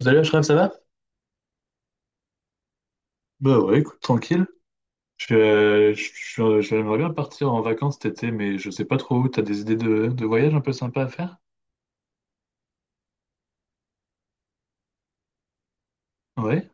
Salut Ashraf, ça va? Bah ouais, écoute, tranquille. J'aimerais bien partir en vacances cet été, mais je sais pas trop où. T'as des idées de voyage un peu sympa à faire? Ouais,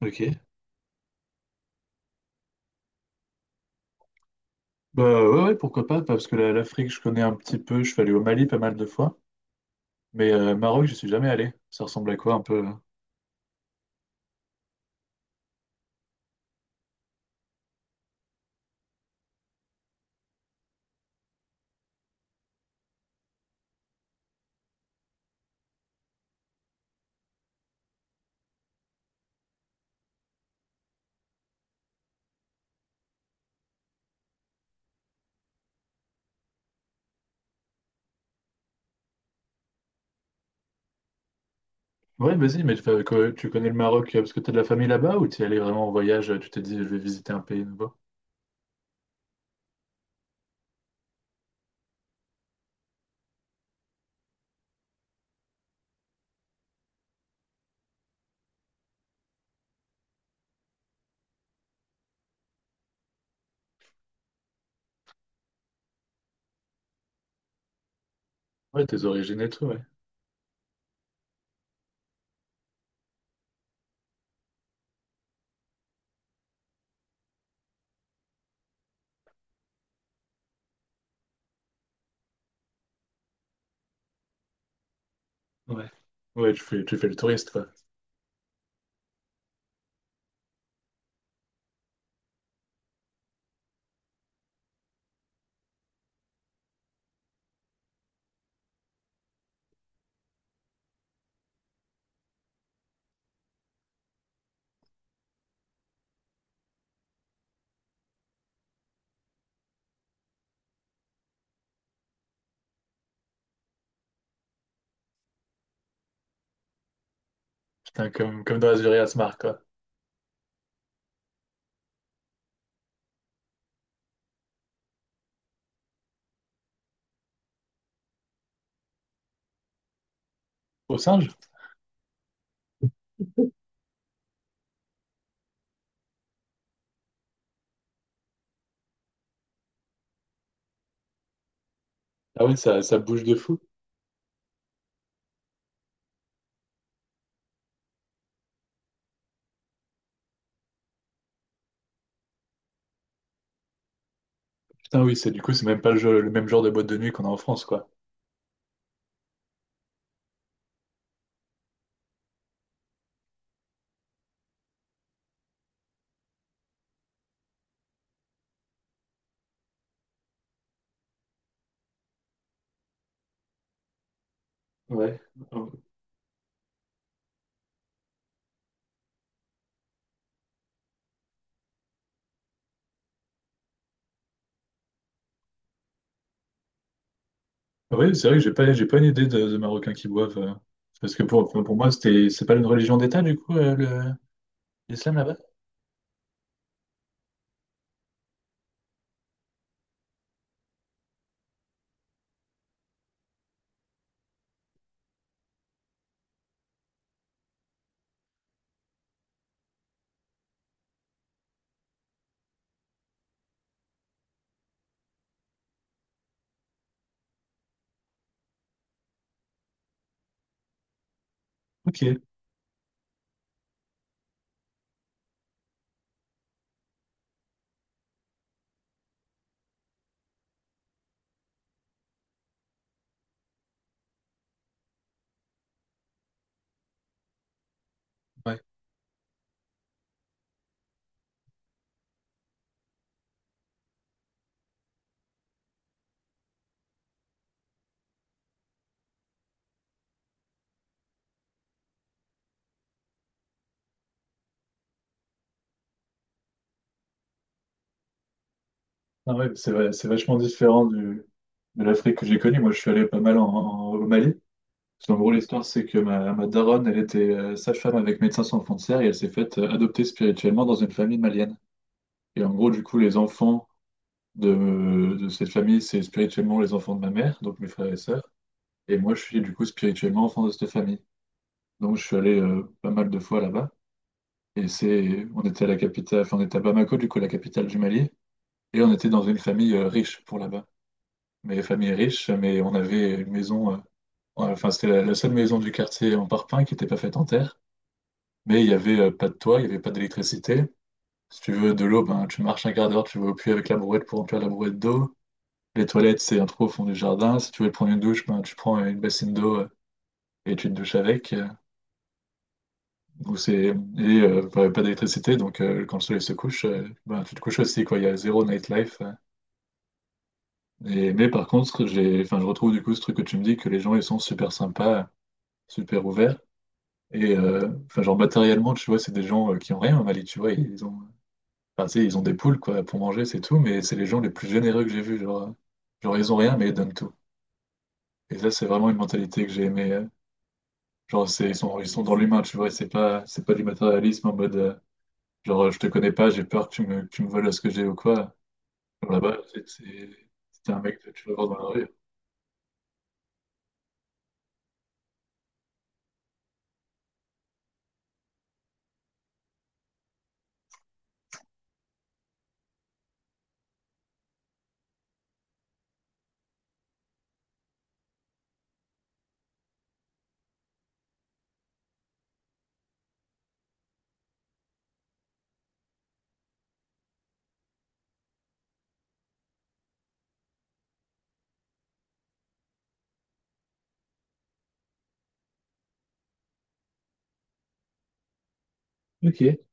ok. Bah ouais, pourquoi pas, parce que l'Afrique, je connais un petit peu. Je suis allé au Mali pas mal de fois, mais Maroc, je suis jamais allé. Ça ressemble à quoi un peu là? Ouais, vas-y, mais tu connais le Maroc, parce que t'as de la famille là-bas ou t'y es allé vraiment en voyage? Tu t'es dit, je vais visiter un pays nouveau? Ouais, tes origines et tout, ouais. Ouais, ouais, tu fais le touriste, quoi. Putain, comme dans Azuri Smart, quoi. Au singe? Ah oui, ça bouge de fou. Putain, oui, c'est du coup, c'est même pas le, le même genre de boîte de nuit qu'on a en France, quoi. Ouais. Euh, Ah oui, c'est vrai que j'ai pas une idée de Marocains qui boivent. Parce que pour moi, c'était, c'est pas une religion d'État, du coup, l'islam là-bas? Ok. Ouais. Ah ouais, c'est vrai, c'est vachement différent du, de l'Afrique que j'ai connue. Moi, je suis allé pas mal au Mali. Parce qu'en gros, l'histoire, c'est que ma daronne, elle était sage-femme avec Médecins Sans Frontières et elle s'est faite adopter spirituellement dans une famille malienne. Et en gros, du coup, les enfants de cette famille, c'est spirituellement les enfants de ma mère, donc mes frères et sœurs. Et moi, je suis du coup spirituellement enfant de cette famille. Donc, je suis allé pas mal de fois là-bas. Et c'est, on était à la capitale, enfin, on était à Bamako, du coup, la capitale du Mali. Et on était dans une famille riche pour là-bas. Mais famille riche, mais on avait une maison, enfin, c'était la seule maison du quartier en parpaing qui n'était pas faite en terre. Mais il y avait pas de toit, il n'y avait pas d'électricité. Si tu veux de l'eau, ben, tu marches un quart d'heure, tu vas au puits avec la brouette pour remplir la brouette d'eau. Les toilettes, c'est un trou au fond du jardin. Si tu veux prendre une douche, ben, tu prends une bassine d'eau, et tu te douches avec. Et bah, pas d'électricité, donc quand le soleil se couche, ben, tu te couches aussi, quoi. Il y a zéro nightlife. Et... Mais par contre, j'ai... Enfin, je retrouve du coup ce truc que tu me dis, que les gens, ils sont super sympas, super ouverts. Et enfin, genre matériellement, tu vois, c'est des gens qui ont rien au Mali, tu vois. Ils ont... Enfin, tu sais, ils ont des poules, quoi, pour manger, c'est tout. Mais c'est les gens les plus généreux que j'ai vus. Genre, genre, ils ont rien, mais ils donnent tout. Et ça, c'est vraiment une mentalité que j'ai aimée. Genre, c'est, ils sont dans l'humain, tu vois, c'est pas du matérialisme en mode, genre, je te connais pas, j'ai peur que que tu me voles ce que j'ai ou quoi. Genre, là-bas, c'était un mec que tu vas voir dans la rue. Ok,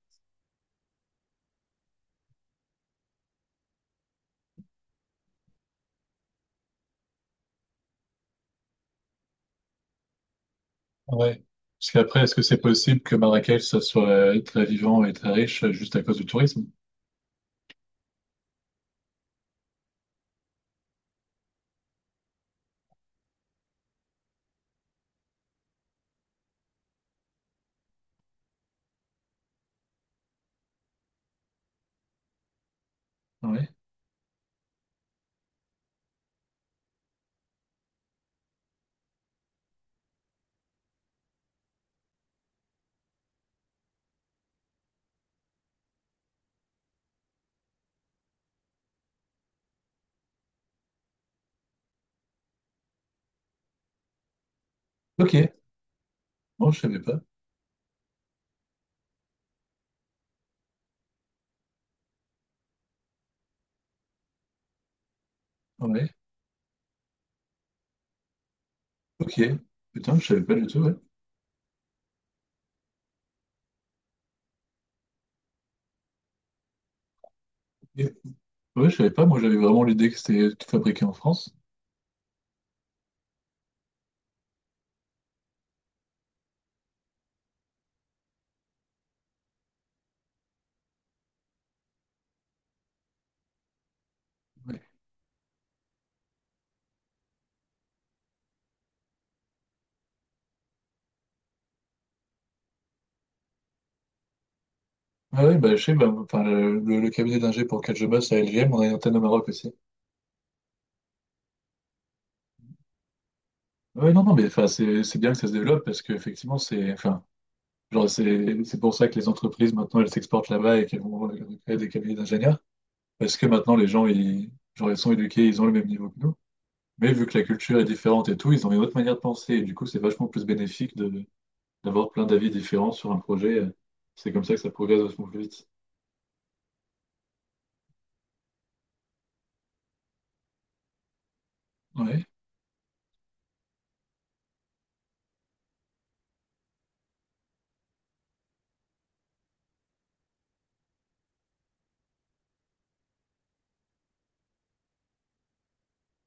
ouais. Parce qu'après, est-ce que c'est possible que Marrakech, ça soit très vivant et très riche, juste à cause du tourisme? Ouais. Ok, bon, je savais pas. Ouais. Ok, putain, je savais pas du tout, ouais. Ok. Ouais, je savais pas, moi j'avais vraiment l'idée que c'était tout fabriqué en France. Ouais, ah ouais, bah je sais, bah, enfin, le cabinet d'ingé pour lequel je bosse à LGM, on a une antenne au Maroc aussi. Oui, non, non, mais enfin, c'est bien que ça se développe parce qu'effectivement, c'est enfin, genre, c'est pour ça que les entreprises maintenant elles s'exportent là-bas et qu'elles vont créer des cabinets d'ingénieurs parce que maintenant les gens ils, genre, ils sont éduqués, ils ont le même niveau que nous. Mais vu que la culture est différente et tout, ils ont une autre manière de penser et du coup, c'est vachement plus bénéfique de d'avoir plein d'avis différents sur un projet. C'est comme ça que ça progresse vachement plus vite.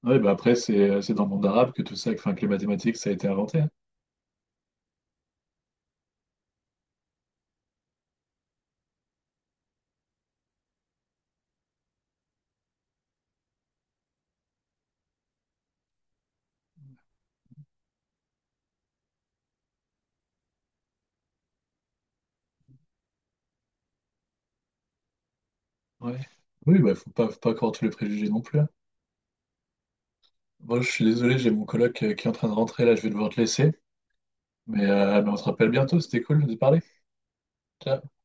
Ouais, bah après, c'est dans le monde arabe que tout ça, enfin, que les mathématiques, ça a été inventé, hein. Ouais. Oui, bah faut pas croire tous les préjugés non plus, hein. Moi, je suis désolé, j'ai mon coloc qui est en train de rentrer là, je vais devoir te laisser. Mais on se rappelle bientôt, c'était cool de parler. Ciao.